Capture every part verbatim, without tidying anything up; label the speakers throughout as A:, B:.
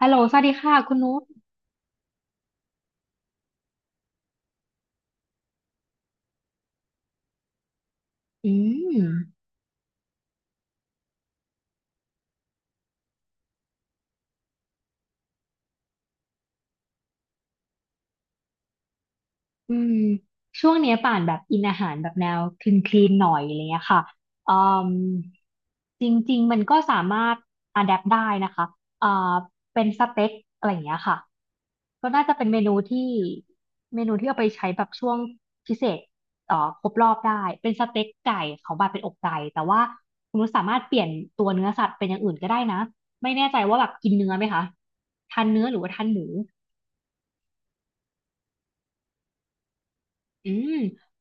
A: ฮัลโหลสวัสดีค่ะคุณนุชอืมอืมช่วงเนี้ยป่านแบบอินอาหารแบบแนวคลีนคลีนหน่อยอะไรเงี้ยค่ะอืมจริงๆมันก็สามารถอะแดปได้นะคะอ่าเป็นสเต็กอะไรอย่างเงี้ยค่ะก็น่าจะเป็นเมนูที่เมนูที่เอาไปใช้แบบช่วงพิเศษเอ่อครบรอบได้เป็นสเต็กไก่เขาบาดเป็นอกไก่แต่ว่าคุณนุชสามารถเปลี่ยนตัวเนื้อสัตว์เป็นอย่างอื่นก็ได้นะไม่แน่ใจว่าแบบกินเนื้อไหมคะทานเนื้อหรือว่าทานหมู อืม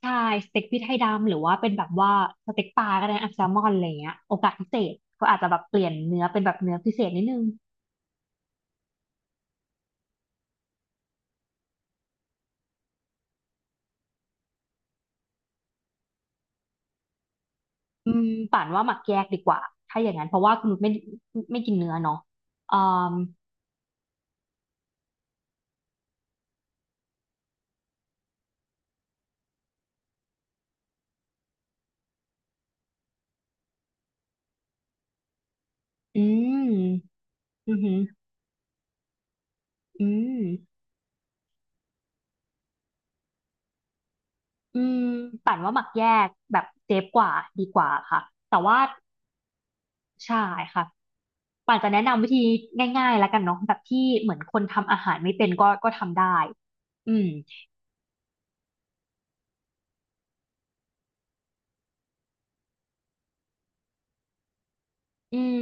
A: ใช่สเต็กพริกไทยดำหรือว่าเป็นแบบว่าสเต็กปลาก็ได้นะแซลมอนอะไรเงี้ยโอกาสพิเศษก็อาจจะแบบเปลี่ยนเนื้อเป็นแบบเนื้อพิเศษนิดนึงอืมป่านว่าหมักแยกดีกว่าถ้าอย่างนั้นเพราะว่าคุณนุชไม่ไม่กินเนื้อเนาะอ่าอืมอือหืออืมอืมป่านว่าหมักแยกแบบเซฟกว่าดีกว่าค่ะแต่ว่าใช่ค่ะป่านจะแนะนำวิธีง่ายๆแล้วกันเนาะแบบที่เหมือนคนทำอาหารไม่เป็นก็ก็ทำได้อืมอืม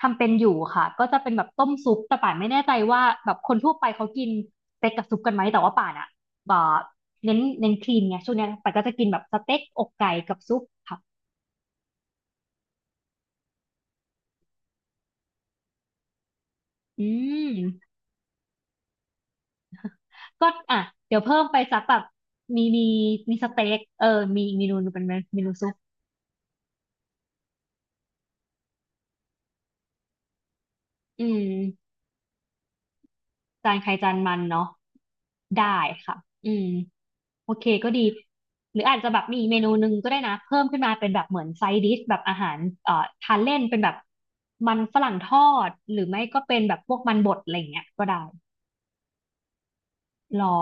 A: ทำเป็นอยู่ค่ะก็จะเป็นแบบต้มซุปแต่ป่านไม่แน่ใจว่าแบบคนทั่วไปเขากินสเต็กกับซุปกันไหมแต่ว่าป่านอ่ะแบบเน้นเน้นคลีนไงช่วงเนี้ยป่านก็จะกินแบบสเต็กอกไก่กับซุปค่ะอืมก็อ่ะเดี๋ยวเพิ่มไปสักแบบมีมีมีสเต็กเออมีอีกเมนูหนึ่งเป็นเมนูซุปอืมจานใครจานมันเนาะได้ค่ะอืม โอเคก็ดีหรืออาจจะแบบมีอีกเมนูหนึ่งก็ได้นะเพิ่มขึ้นมาเป็นแบบเหมือนไซด์ดิชแบบอาหารเอ่อทานเล่นเป็นแบบมันฝรั่งทอดหรือไม่ก็เป็นแบบพวกมันบดอะไรอย่างเงี้ยก็ได้หรอ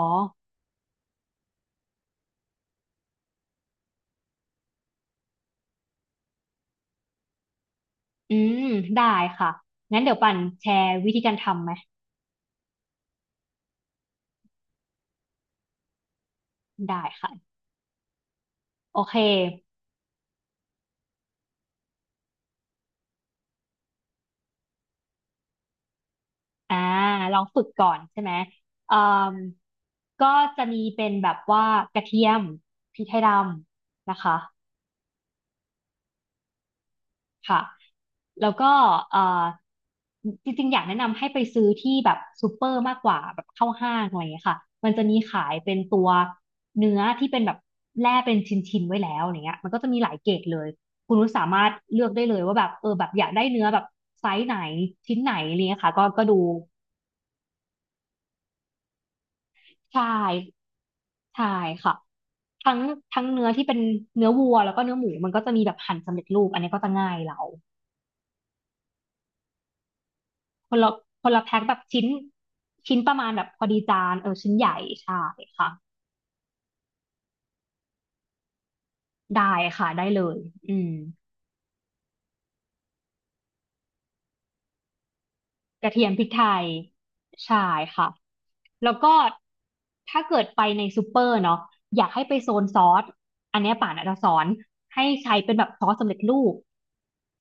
A: อืมได้ค่ะงั้นเดี๋ยวปันแชร์วิธีการทำไหมได้ค่ะโอเคอ่าลองฝึกก่อนใช่ไหมเอ่มก็จะมีเป็นแบบว่ากระเทียมพริกไทยดำนะคะ ค่ะแล้วก็เอ่อจริงๆอยากแนะนำให้ไปซื้อที่แบบซูเปอร์มากกว่าแบบเข้าห้างอะไรอย่างเงี้ยค่ะมันจะมีขายเป็นตัวเนื้อที่เป็นแบบแล่เป็นชิ้นๆไว้แล้วอย่างเงี้ยมันก็จะมีหลายเกรดเลยคุณนุชสามารถเลือกได้เลยว่าแบบเออแบบอยากได้เนื้อแบบไซส์ไหนชิ้นไหนอะไรเงี้ยค่ะก็ก็ดูใช่ใช่ค่ะทั้งทั้งเนื้อที่เป็นเนื้อวัวแล้วก็เนื้อหมูมันก็จะมีแบบหั่นสำเร็จรูปอันนี้ก็จะง่ายเรา คนละคนละแพ็คแบบชิ้นชิ้นประมาณแบบพอดีจานเออชิ้นใหญ่ใช่ค่ะได้ค่ะได้เลยอืมกระเทียมพริกไทยใช่ค่ะแล้วก็ถ้าเกิดไปในซูเปอร์เนาะอยากให้ไปโซนซอสอันเนี้ยป่านอาจจะสอนให้ใช้เป็นแบบซอสสำเร็จรูป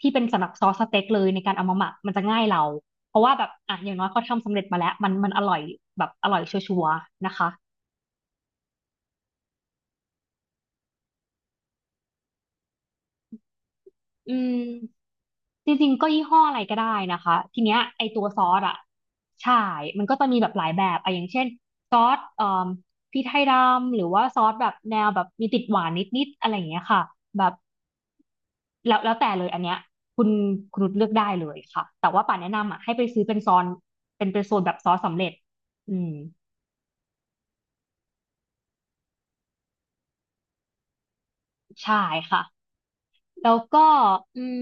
A: ที่เป็นสำหรับซอสสเต็กเลยในการเอามาหมักมันจะง่ายเราเพราะว่าแบบอ่ะอย่างน้อยเขาทำสำเร็จมาแล้วมันมันอร่อยแบบอร่อยชัวร์ๆนะคะ อืมจริงๆก็ยี่ห้ออะไรก็ได้นะคะทีเนี้ยไอตัวซอสอ่ะใช่มันก็จะมีแบบหลายแบบอะอย่างเช่นซอสเอ่มพริกไทยดำหรือว่าซอสแบบแนวแบบมีติดหวานนิดๆอะไรอย่างเงี้ยค่ะแบบแล้วแล้วแต่เลยอันเนี้ยคุณคุณนุชเลือกได้เลยค่ะแต่ว่าป่านแนะนำอ่ะให้ไปซื้อเป็นซอนเป็นเป็นโซนแบบซอสสำเร็จอืมใช่ค่ะแล้วก็อืม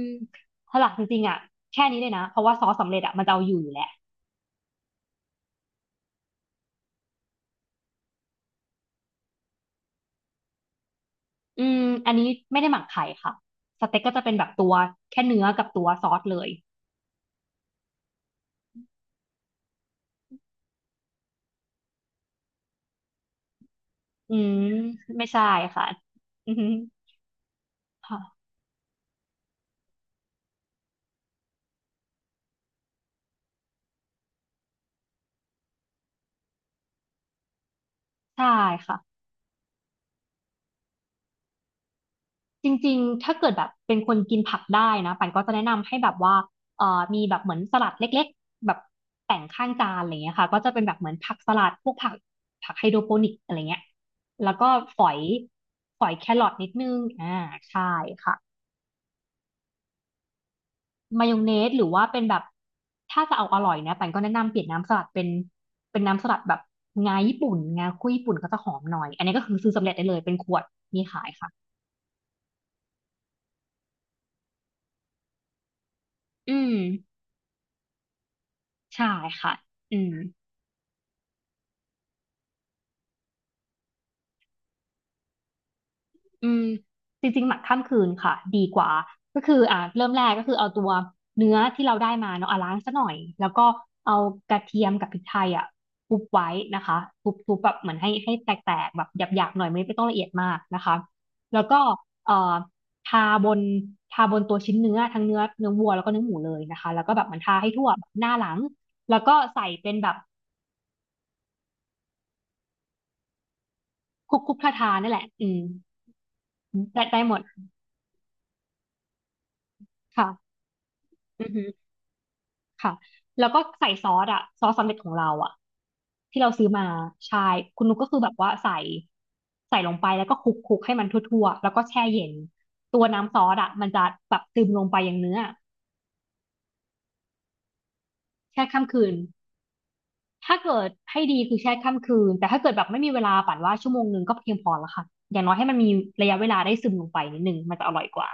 A: หลักจริงๆอ่ะแค่นี้เลยนะเพราะว่าซอสสำเร็จอ่ะมันจะเอาอยู่อยู่แล้ว อืมอันนี้ไม่ได้หมักไข่ค่ะสเต็กก็จะเป็นแบบตัวแค่เนื้อกับตัวซอสเลยอืมไม่ใช่ค่ะอืมค่ะใช่ค่ะจริงๆ ถ้าเกิดแบบเป็นคนกินผักได้นะปันก็จะแนะนำให้แบบว่าเอ่อมีแบบเหมือนสลัดเล็กๆแบบแต่งข้างจานอะไรเงี้ยค่ะก็จะเป็นแบบเหมือนผักสลัดพวกผักผักไฮโดรโปนิกอะไรเงี้ยแล้วก็ฝอยฝอยแครอทนิดนึงอ่าใช่ค่ะ มายองเนสหรือว่าเป็นแบบถ้าจะเอาอร่อยนะปันก็แนะนำเปลี่ยนน้ำสลัดเป็นเป็นน้ำสลัดแบบงาญี่ปุ่นงาคุยญี่ปุ่นก็จะหอมหน่อยอันนี้ก็คือซื้อสำเร็จได้เลยเป็นขวดมีขายค่ะอืมใช่ค่ะอืม อืมจริงๆหมักข้ามคืนค่ะดีกว่าก็คืออ่าเริ่มแรกก็คือเอาตัวเนื้อที่เราได้มาเนาะอ่ะล้างซะหน่อยแล้วก็เอากระเทียมกับพริกไทยอ่ะทุบไว้นะคะทุบทุบแบบเหมือนให้ให้แตกๆแบบหยาบๆหน่อยไม่ไม่ต้องละเอียดมากนะคะแล้วก็เอ่อทาบนทาบนตัวชิ้นเนื้อทั้งเนื้อเนื้อวัวแล้วก็เนื้อหมูเลยนะคะแล้วก็แบบเหมอนทาให้ทั่วแบบหน้าหลังแล้วก็ใส่เป็นแบบคลุกๆทาๆนั่นแหละอืมได้ได้หมดค่ะอือฮึ ค่ะแล้วก็ใส่ซอสอะซอสสำเร็จของเราอะที่เราซื้อมาใช่คุณนุกก็คือแบบว่าใส่ใส่ลงไปแล้วก็คลุกคลุกให้มันทั่วๆแล้วก็แช่เย็นตัวน้ำซอสอะมันจะแบบซึมลงไปอย่างเนื้อแช่ข้ามคืนถ้าเกิดให้ดีคือแช่ข้ามคืนแต่ถ้าเกิดแบบไม่มีเวลาปั่นว่าชั่วโมงหนึ่งก็เพียงพอแล้วค่ะอย่างน้อยให้มันมีระยะเวลาได้ซึมลงไปนิดนึงมันจะอร่อยกว่า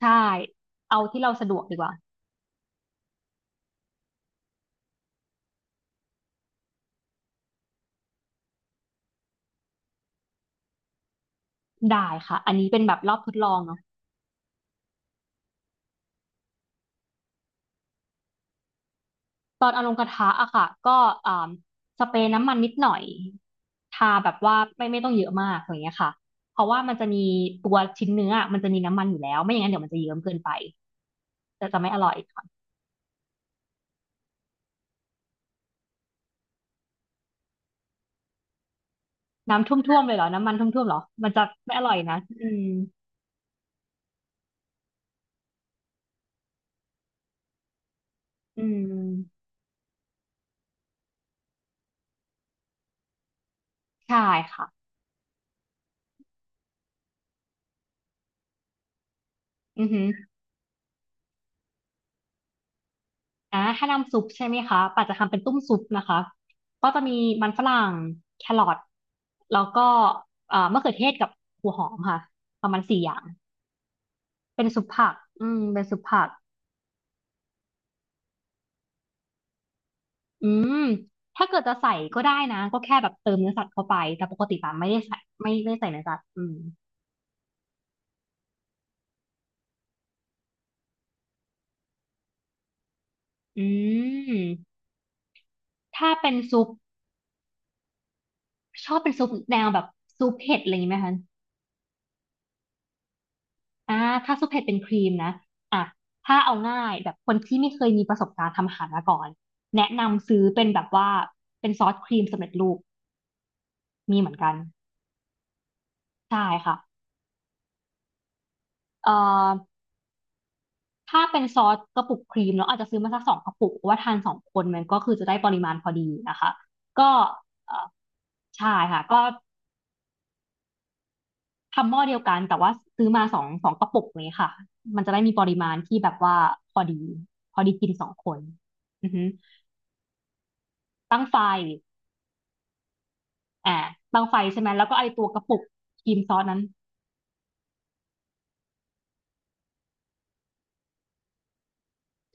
A: ใช่เอาที่เราสะดวกดีกว่าได้ค่ะอันนี้เป็นแบบรอบทดลองเนาะ ตอนเอาลงกระทะอะค่ะก็อ่าสเปรย์น้ำมันนิดหน่อยทาแบบว่าไม่ไม่ต้องเยอะมากอย่างเงี้ยค่ะเพราะว่ามันจะมีตัวชิ้นเนื้ออะมันจะมีน้ำมันอยู่แล้วไม่อย่างนั้นเดี๋ยวมันจะเยิ้มเกินไปจะจะไม่อร่อยค่ะน้ำท่วมๆเลยเหรอน้ำมันท่วมๆเหรอมันจะไม่อร่อยนะอืมอืมใช่ค่ะอือหืออ่าถ้าน้ำซุปใช่ไหมคะป่าจะทำเป็นตุ้มซุปนะคะก็จะมีมันฝรั่งแครอทแล้วก็เอ่อมะเขือเทศกับหัวหอมค่ะประมาณสี่อย่าง เป็นซุปผักอืมเป็นซุปผักอืมถ้าเกิดจะใส่ก็ได้นะก็แค่แบบเติมเนื้อสัตว์เข้าไปแต่ปกติปาไม่ได้ใส่ไม่ได้ใส่เนื้อสัตว์อืมอืมถ้าเป็นซุปชอบเป็นซุปแนวแบบซุปเผ็ดอะไรอย่างนี้ไหมคะอ่าถ้าซุปเผ็ดเป็นครีมนะอ่ะถ้าเอาง่ายแบบคนที่ไม่เคยมีประสบการณ์ทำอาหารมาก่อนแนะนำซื้อเป็นแบบว่าเป็นซอสครีมสำเร็จรูปมีเหมือนกันใช่ค่ะเอ่อ ถ้าเป็นซอสกระปุกครีมเราอาจจะซื้อมาสักสองกระปุกเพราะว่าทานสองคนมันก็คือจะได้ปริมาณพอดีนะคะก็เอ่อใช่ค่ะก็ทำหม้อเดียวกันแต่ว่าซื้อมาสองสองกระปุกนี้ค่ะมันจะได้มีปริมาณที่แบบว่าพอดีพอดีกินสองคนอือฮึตั้งไฟอ่าตั้งไฟใช่ไหมแล้วก็ไอตัวกระปุกครีมซอสนั้น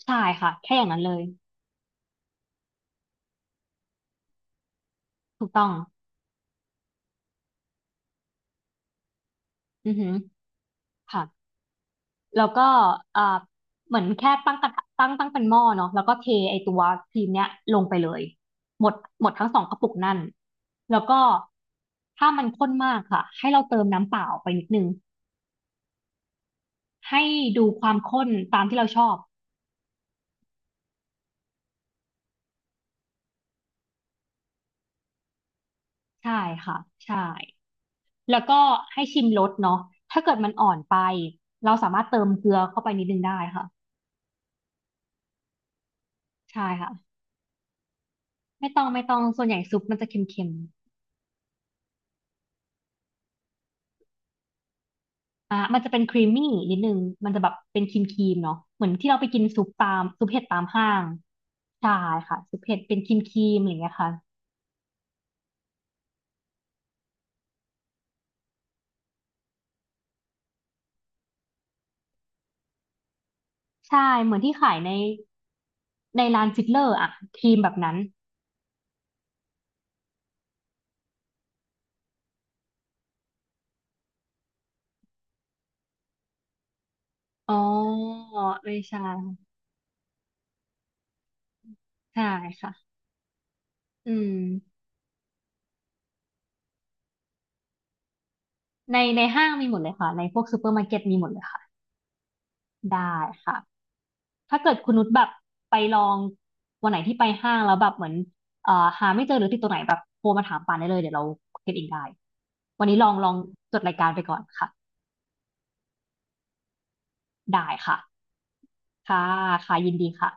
A: ใช่ค่ะแค่อย่างนั้นเลยถูกต้องอือฮึค่ะ แล้วก็เอ่อเหมือนแค่ตั้งกระทะตั้งตั้งเป็นหม้อเนาะแล้วก็เทไอตัวครีมเนี้ยลงไปเลยหมดหมดทั้งสองกระปุกนั่นแล้วก็ถ้ามันข้นมากค่ะให้เราเติมน้ำเปล่าไปนิดนึงให้ดูความข้นตามที่เราชอบใช่ค่ะใช่ แล้วก็ให้ชิมรสเนาะถ้าเกิดมันอ่อนไปเราสามารถเติมเกลือเข้าไปนิดนึงได้ค่ะใช่ค่ะไม่ต้องไม่ต้องส่วนใหญ่ซุปมันจะเค็ม อ่ะมันจะเป็นครีมมี่นิดนึงมันจะแบบเป็นครีมครีมเนาะเหมือนที่เราไปกินซุปตามซุปเห็ดตามห้างใช่ค่ะซุปเห็ดเป็นครีมครีมอะไรอย่างเงี้ยค่ะใช่เหมือนที่ขายในในร้านฟิตเลอร์อะครีมแบบนั้นอ๋อไม่ใช่ใช่ค่ะอืมในในห้างมีหมดเลยค่ะในพวกซูเปอร์มาร์เก็ตมีหมดเลยค่ะได้ค่ะ ถ้าเกิดคุณนุชแบบไปลองวันไหนที่ไปห้างแล้วแบบเหมือนเอ่อหาไม่เจอหรือติดตัวไหนแบบโทรมาถามปานได้เลยเดี๋ยวเราเก็บเองได้ วันนี้ลองลองจดรายการไปก่อนค่ะได้ค่ะค่ะค่ะยินดีค่ะ